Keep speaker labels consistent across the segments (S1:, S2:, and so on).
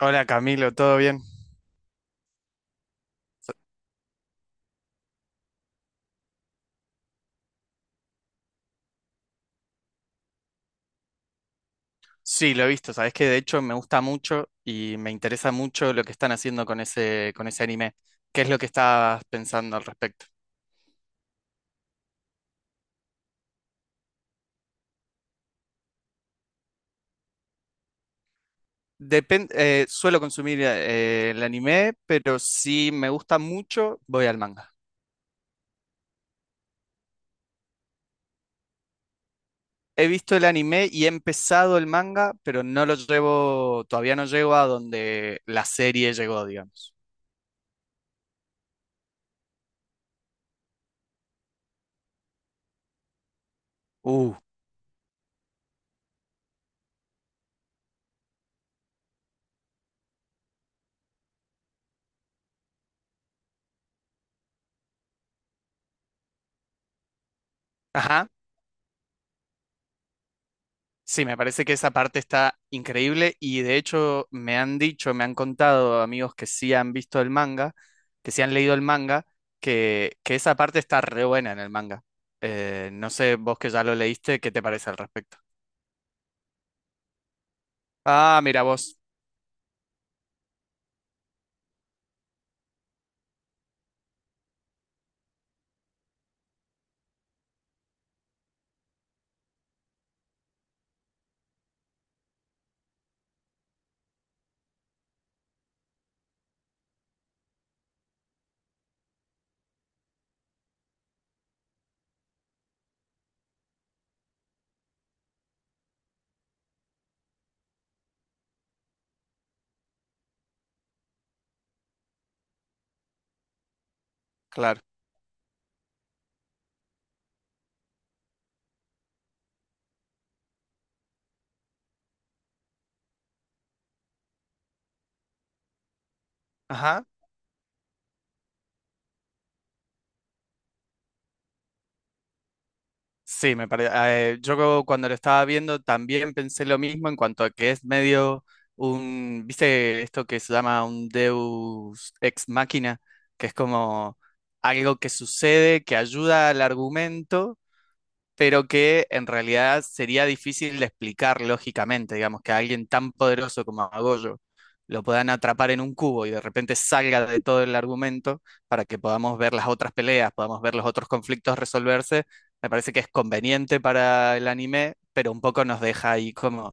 S1: Hola Camilo, ¿todo bien? Sí, lo he visto, sabes que de hecho me gusta mucho y me interesa mucho lo que están haciendo con ese anime. ¿Qué es lo que estás pensando al respecto? Suelo consumir el anime, pero si me gusta mucho, voy al manga. He visto el anime y he empezado el manga, pero no lo llevo, todavía no llego a donde la serie llegó, digamos. Uh. Ajá. Sí, me parece que esa parte está increíble y de hecho me han dicho, me han contado amigos que sí han visto el manga, que sí han leído el manga, que esa parte está re buena en el manga. No sé, vos que ya lo leíste, ¿qué te parece al respecto? Ah, mira vos, claro. Ajá. Sí, me parece. Yo creo cuando lo estaba viendo también pensé lo mismo en cuanto a que es medio un, ¿viste esto que se llama un Deus ex machina? Que es como algo que sucede, que ayuda al argumento, pero que en realidad sería difícil de explicar lógicamente, digamos, que a alguien tan poderoso como a Goyo lo puedan atrapar en un cubo y de repente salga de todo el argumento para que podamos ver las otras peleas, podamos ver los otros conflictos resolverse, me parece que es conveniente para el anime, pero un poco nos deja ahí como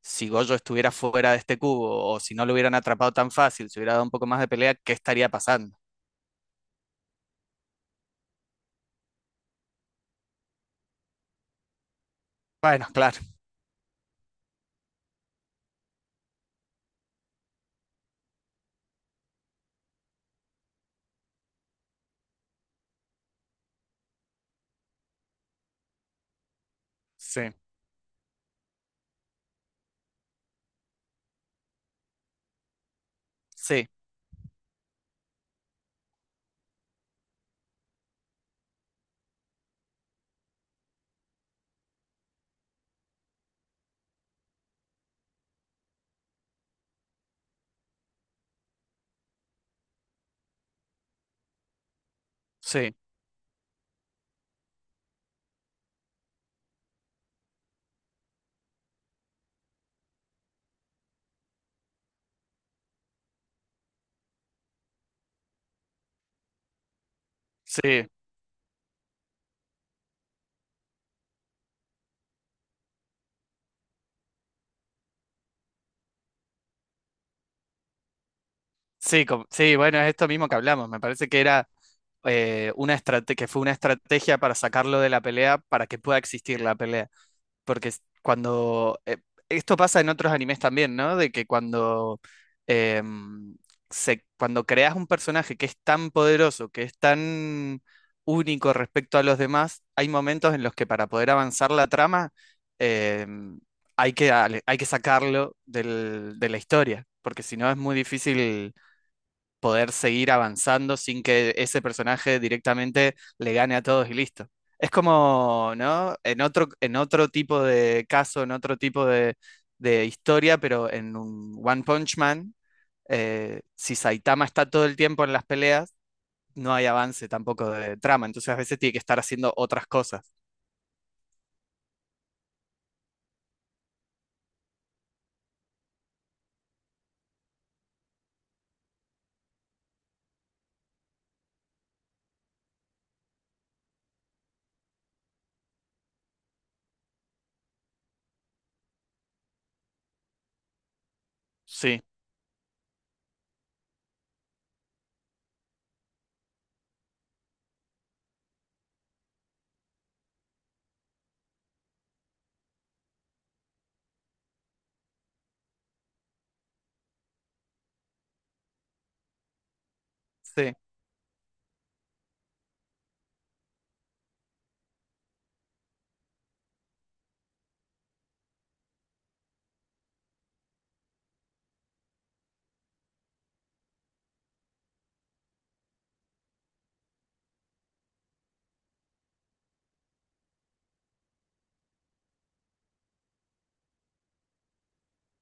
S1: si Goyo estuviera fuera de este cubo o si no lo hubieran atrapado tan fácil, si hubiera dado un poco más de pelea, ¿qué estaría pasando? Bueno, claro, sí, sí, sí, sí. Sí, sí, bueno, es esto mismo que hablamos. Me parece que era una estrategia, que fue una estrategia para sacarlo de la pelea para que pueda existir la pelea. Cuando esto pasa en otros animes también, ¿no? De que cuando em, se, cuando creas un personaje que es tan poderoso, que es tan único respecto a los demás, hay momentos en los que para poder avanzar la trama em, hay que, hay que sacarlo de la historia, porque si no es muy difícil poder seguir avanzando sin que ese personaje directamente le gane a todos y listo. Es como, ¿no? En otro tipo de caso, en otro tipo de historia, pero en un One Punch Man, si Saitama está todo el tiempo en las peleas, no hay avance tampoco de trama, entonces a veces tiene que estar haciendo otras cosas. Sí, sí,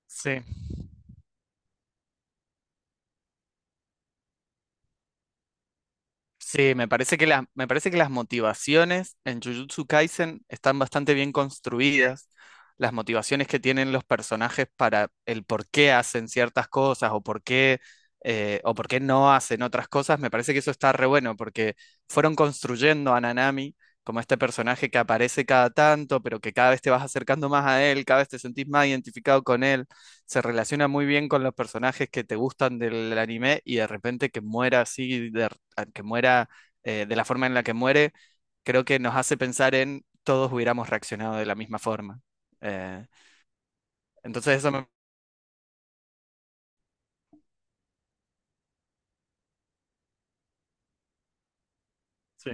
S1: sí. Sí, me parece que las, me parece que las motivaciones en Jujutsu Kaisen están bastante bien construidas. Las motivaciones que tienen los personajes para el por qué hacen ciertas cosas o por qué no hacen otras cosas, me parece que eso está re bueno porque fueron construyendo a Nanami como este personaje que aparece cada tanto, pero que cada vez te vas acercando más a él, cada vez te sentís más identificado con él. Se relaciona muy bien con los personajes que te gustan del anime y de repente que muera así, que muera de la forma en la que muere, creo que nos hace pensar en todos hubiéramos reaccionado de la misma forma. Eh, entonces eso me... Sí,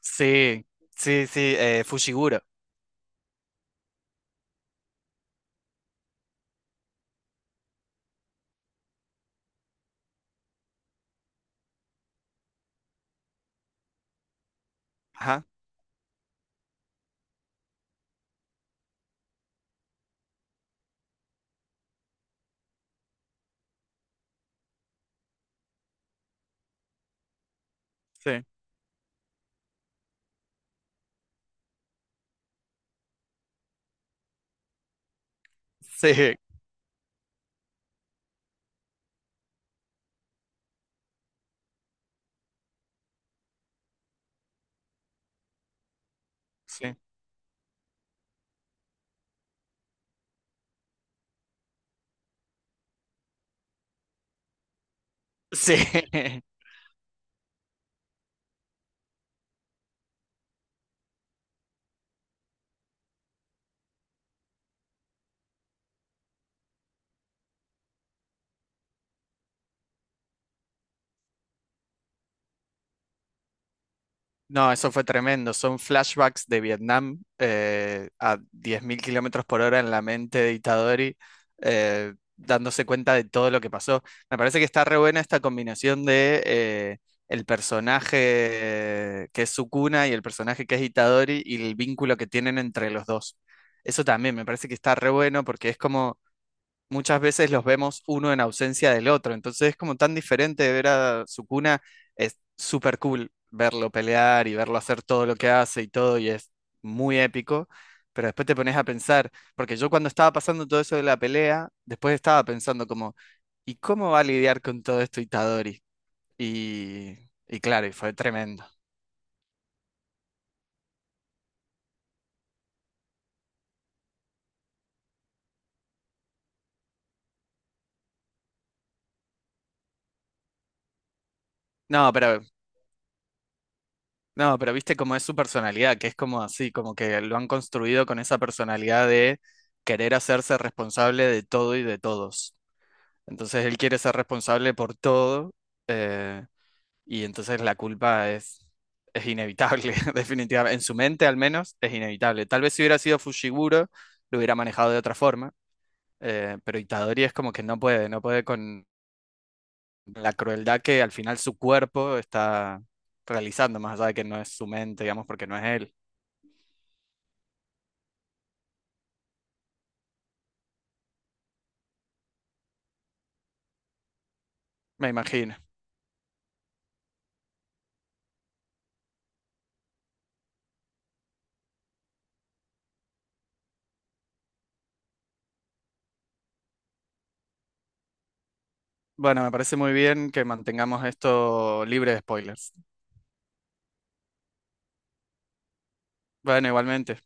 S1: sí, sí, sí, Fushiguro. Ajá, sí, sí, sí, sí. No, eso fue tremendo. Son flashbacks de Vietnam a 10.000 kilómetros por hora en la mente de Itadori, dándose cuenta de todo lo que pasó. Me parece que está re buena esta combinación de el personaje que es Sukuna y el personaje que es Itadori y el vínculo que tienen entre los dos. Eso también me parece que está re bueno porque es como muchas veces los vemos uno en ausencia del otro. Entonces es como tan diferente ver a Sukuna. Es súper cool verlo pelear y verlo hacer todo lo que hace y todo, y es muy épico. Pero después te pones a pensar, porque yo cuando estaba pasando todo eso de la pelea, después estaba pensando como, ¿y cómo va a lidiar con todo esto Itadori? Y, y claro, y fue tremendo. No, pero no, pero viste cómo es su personalidad, que es como así, como que lo han construido con esa personalidad de querer hacerse responsable de todo y de todos. Entonces él quiere ser responsable por todo, eh, y entonces la culpa es inevitable, definitivamente. En su mente al menos es inevitable. Tal vez si hubiera sido Fushiguro, lo hubiera manejado de otra forma, pero Itadori es como que no puede, no puede con la crueldad que al final su cuerpo está realizando, más allá de que no es su mente, digamos, porque no es él. Me imagino. Bueno, me parece muy bien que mantengamos esto libre de spoilers. Bueno, igualmente.